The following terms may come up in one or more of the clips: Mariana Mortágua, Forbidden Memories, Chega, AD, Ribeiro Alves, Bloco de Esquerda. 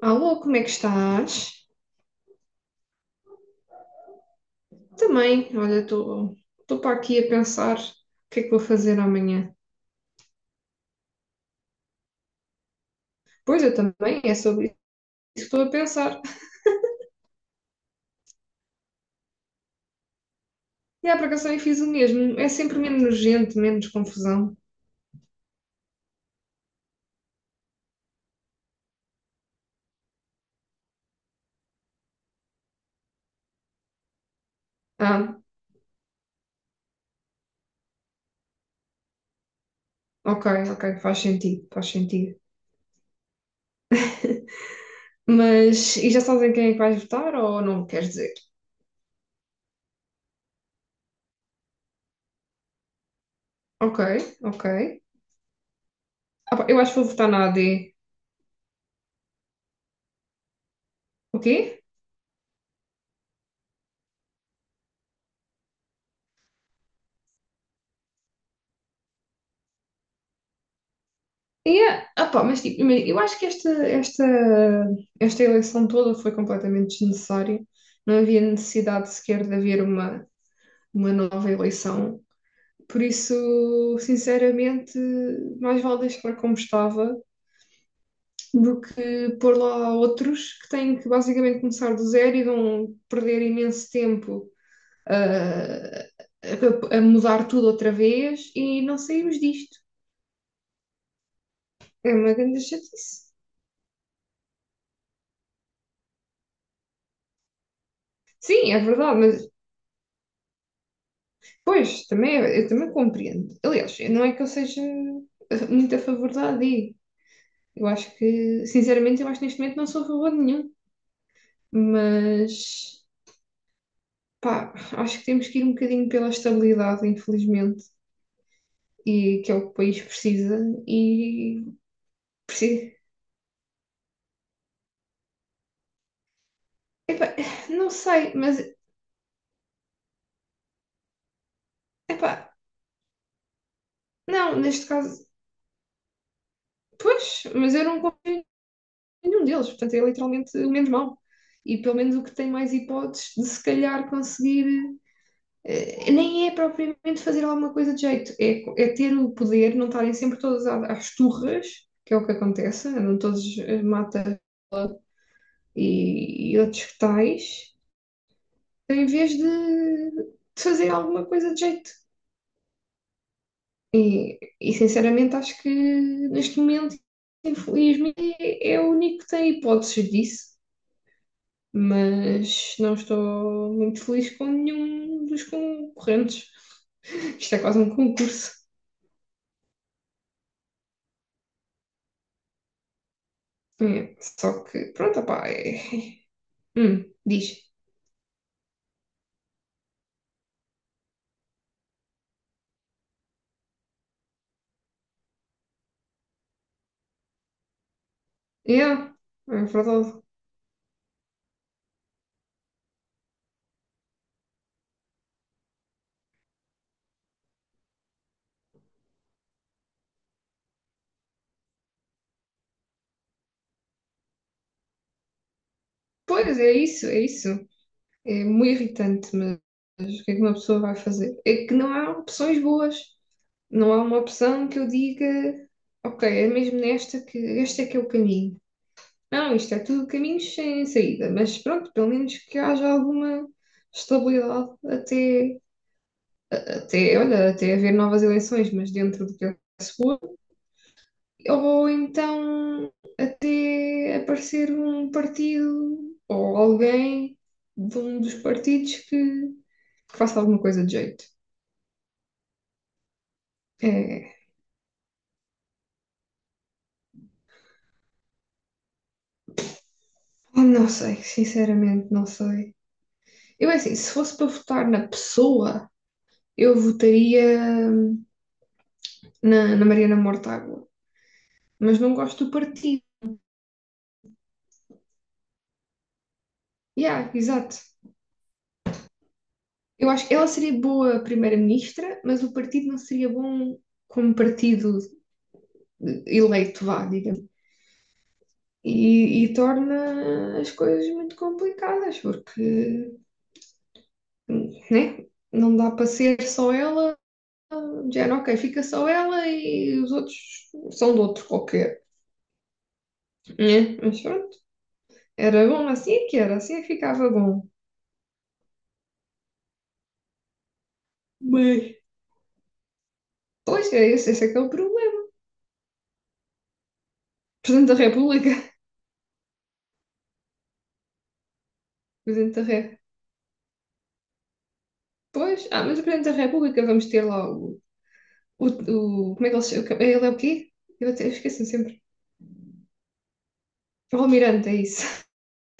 Alô, como é que estás? Também, olha, estou para aqui a pensar o que é que vou fazer amanhã. Pois eu também, é sobre isso que estou a pensar. E a para eu fiz o mesmo. É sempre menos gente, menos confusão. Ah, ok, ok, faz sentido, faz sentido. Mas, e já sabes em quem é que vais votar ou não queres dizer? Ok, ok. Ah, pá, eu acho que vou votar na AD. O quê? Yeah. Ah, pá, mas tipo, imagina, eu acho que esta eleição toda foi completamente desnecessária. Não havia necessidade sequer de haver uma nova eleição. Por isso, sinceramente, mais vale deixar como estava do que pôr lá outros que têm que basicamente começar do zero e vão perder imenso tempo ah, a mudar tudo outra vez e não saímos disto. É uma grande chatice. Sim, é verdade. Pois, também, é, eu também compreendo. Aliás, eu- não é que eu seja muito a favor da AD. Eu acho que, sinceramente, eu acho que neste momento não sou a favor de nenhum. Mas, pá, acho que temos que ir um bocadinho pela estabilidade, infelizmente, e que é o que o país precisa. E, precisa. Epá, não sei, mas, epá, não, neste caso, pois, mas eu não confio em nenhum deles. Portanto, é literalmente o menos mau. E pelo menos o que tem mais hipóteses de se calhar conseguir. Nem é propriamente fazer alguma coisa de jeito, é, é ter o poder, não estarem sempre todas à- às turras, que é o que acontece, andam todos mata e outros tais, em vez de fazer alguma coisa de jeito. E, sinceramente acho que neste momento, infelizmente, é o único que tem hipóteses disso, mas não estou muito feliz com nenhum dos concorrentes. Isto é quase um concurso. É, só que, pronto, opá, é... diz. Yeah, é verdade. Pois, é isso, é isso. É muito irritante, mas o que é que uma pessoa vai fazer? É que não há opções boas. Não há uma opção que eu diga, ok, é mesmo nesta que este é que é o caminho. Não, isto é tudo caminhos sem saída, mas pronto, pelo menos que haja alguma estabilidade até, até, olha, até haver novas eleições, mas dentro do que é seguro ou então até aparecer um partido ou alguém de um dos partidos que faça alguma coisa de jeito. É, não sei, sinceramente, não sei. Eu, é assim, se fosse para votar na pessoa, eu votaria na Mariana Mortágua, mas não gosto do partido. Yeah, exato. Eu acho que ela seria boa primeira-ministra, mas o partido não seria bom como partido eleito, vá, digamos. E, e torna as coisas muito complicadas, porque, né, não dá para ser só ela, de género, ok, fica só ela e os outros são de outro qualquer, né? Mas pronto, era bom assim é que era, assim é que ficava bom. Mas, pois, é esse, esse é que é o problema. Presidente da República, Presidente da República. Pois, ah, mas o Presidente da República vamos ter lá o- como é que ele se chama? Ele é o quê? Eu até esqueço sempre. O Almirante, é isso.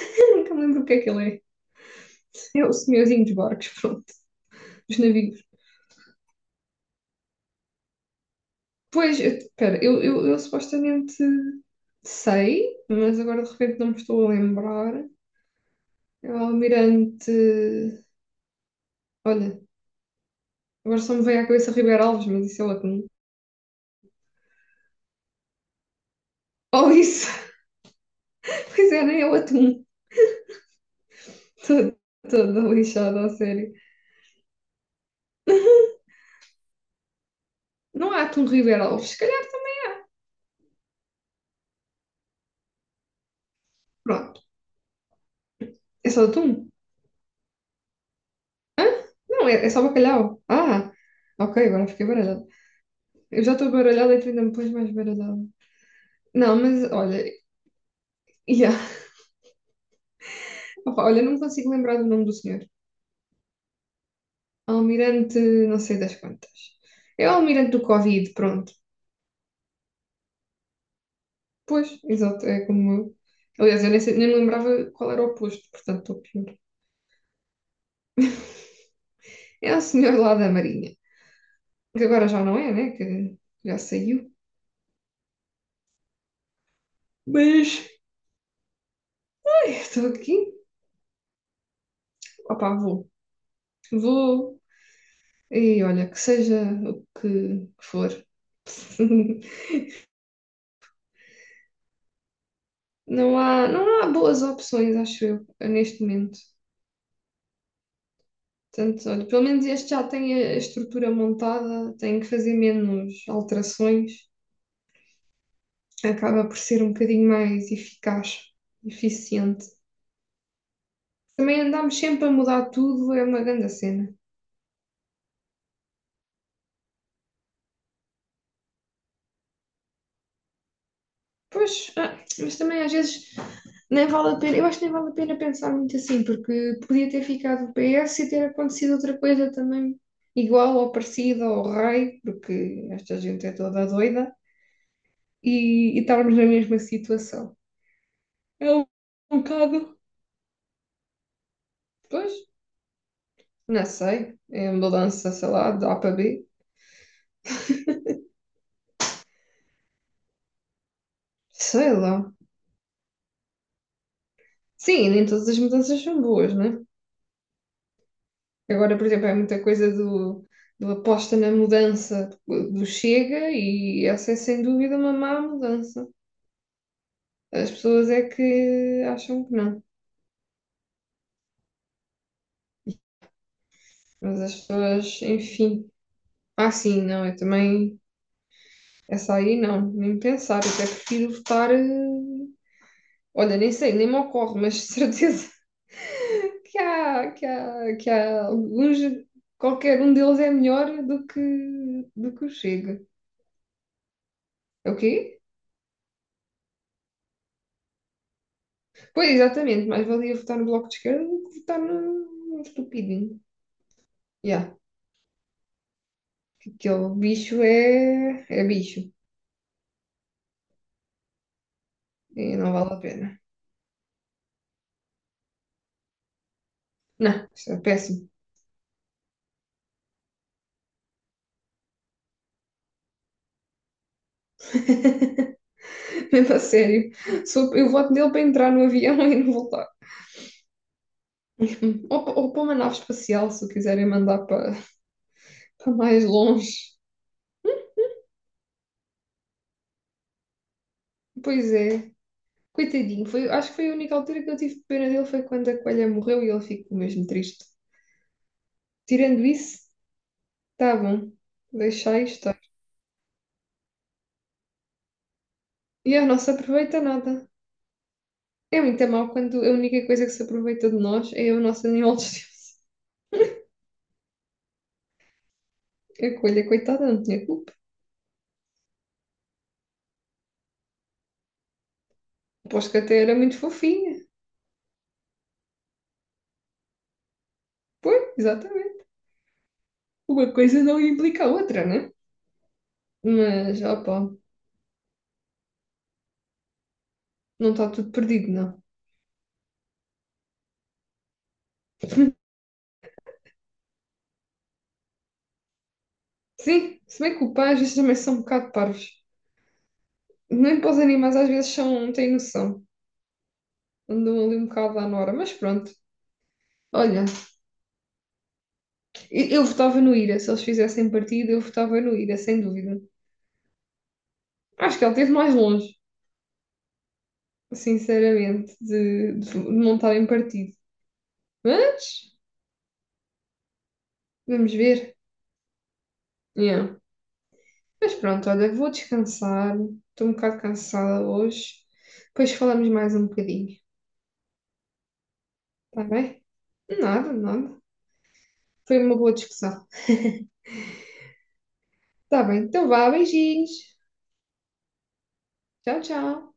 Nunca me lembro o que é que ele é. É o senhorzinho dos barcos, pronto, dos navios. Pois, espera, eu supostamente sei, mas agora de repente não me estou a lembrar. É o almirante. Olha, agora só me veio à cabeça Ribeiro Alves, mas isso é o atum. Oh, isso! Pois é, nem é o atum. Estou toda lixada, a sério. Não há atum Ribeiro Alves, se calhar também. Pronto, é só atum? Hã? Não, é, é só bacalhau. Ah, ok, agora fiquei baralhada. Eu já estou baralhada e tu ainda me pões mais baralhada. Não, mas olha, yeah. Opa, olha, não me consigo lembrar do nome do senhor. Almirante, não sei das quantas. É o almirante do Covid, pronto. Pois, exato, é como eu. Aliás, eu nem, sei- nem me lembrava qual era o posto, portanto estou pior. É o senhor lá da Marinha, que agora já não é, né? Que já saiu. Mas ai, estou aqui. Opa, vou. Vou. E olha, que seja o que for. Não há, não há boas opções, acho eu, neste momento. Portanto, olha, pelo menos este já tem a estrutura montada, tem que fazer menos alterações, acaba por ser um bocadinho mais eficaz, eficiente. Também andámos sempre a mudar tudo, é uma grande cena. Pois, ah, mas também às vezes nem vale a pena, eu acho que nem vale a pena pensar muito assim, porque podia ter ficado o PS e ter acontecido outra coisa também igual ou parecida ao rei, porque esta gente é toda doida, e estarmos na mesma situação. É um bocado. Pois, não sei. É a mudança, sei lá, de A para B. Sei lá. Sim, nem todas as mudanças são boas, né? Agora, por exemplo, é muita coisa do aposta na mudança do Chega e essa é sem dúvida uma má mudança. As pessoas é que acham que não. Mas as pessoas, enfim. Ah, sim, não, eu também. Essa aí não, nem pensar. Eu até prefiro votar. Olha, nem sei, nem me ocorre, mas de certeza que há alguns, qualquer um deles é melhor do que o Chega. É o quê? Pois, exatamente, mais valia votar no Bloco de Esquerda do que votar num estupidinho. Yeah, aquele bicho é, é bicho e não vale a pena. Não, isso é péssimo. Mesmo a sério. Sou- eu voto nele para entrar no avião e não voltar. Ou, pa- ou para uma nave espacial, se o quiserem mandar para, para mais longe. Pois é. Coitadinho, foi, acho que foi a única altura que eu tive pena dele foi quando a coelha morreu e ele ficou mesmo triste. Tirando isso, tá bom, deixai estar. E ele não se aproveita nada. É muito mau quando a única coisa que se aproveita de nós é o nosso animal de estimação. A coelha, coitada, não tinha culpa. Aposto que até era muito fofinha. Pois, exatamente. Uma coisa não implica a outra, né? Mas, opa, não está tudo perdido, não. Sim, se bem que o pai às vezes também são um bocado parvos. Nem para os animais às vezes são, têm noção. Andou ali um bocado à Nora, mas pronto. Olha, eu votava no Ira, se eles fizessem partido, eu votava no Ira, sem dúvida. Acho que ele esteve mais longe, sinceramente, de montar em partido. Mas, vamos ver. Yeah. Mas pronto, olha, vou descansar, estou um bocado cansada hoje. Depois falamos mais um bocadinho, está bem? Nada, nada. Foi uma boa discussão. Está bem, então vá, beijinhos. Tchau, tchau.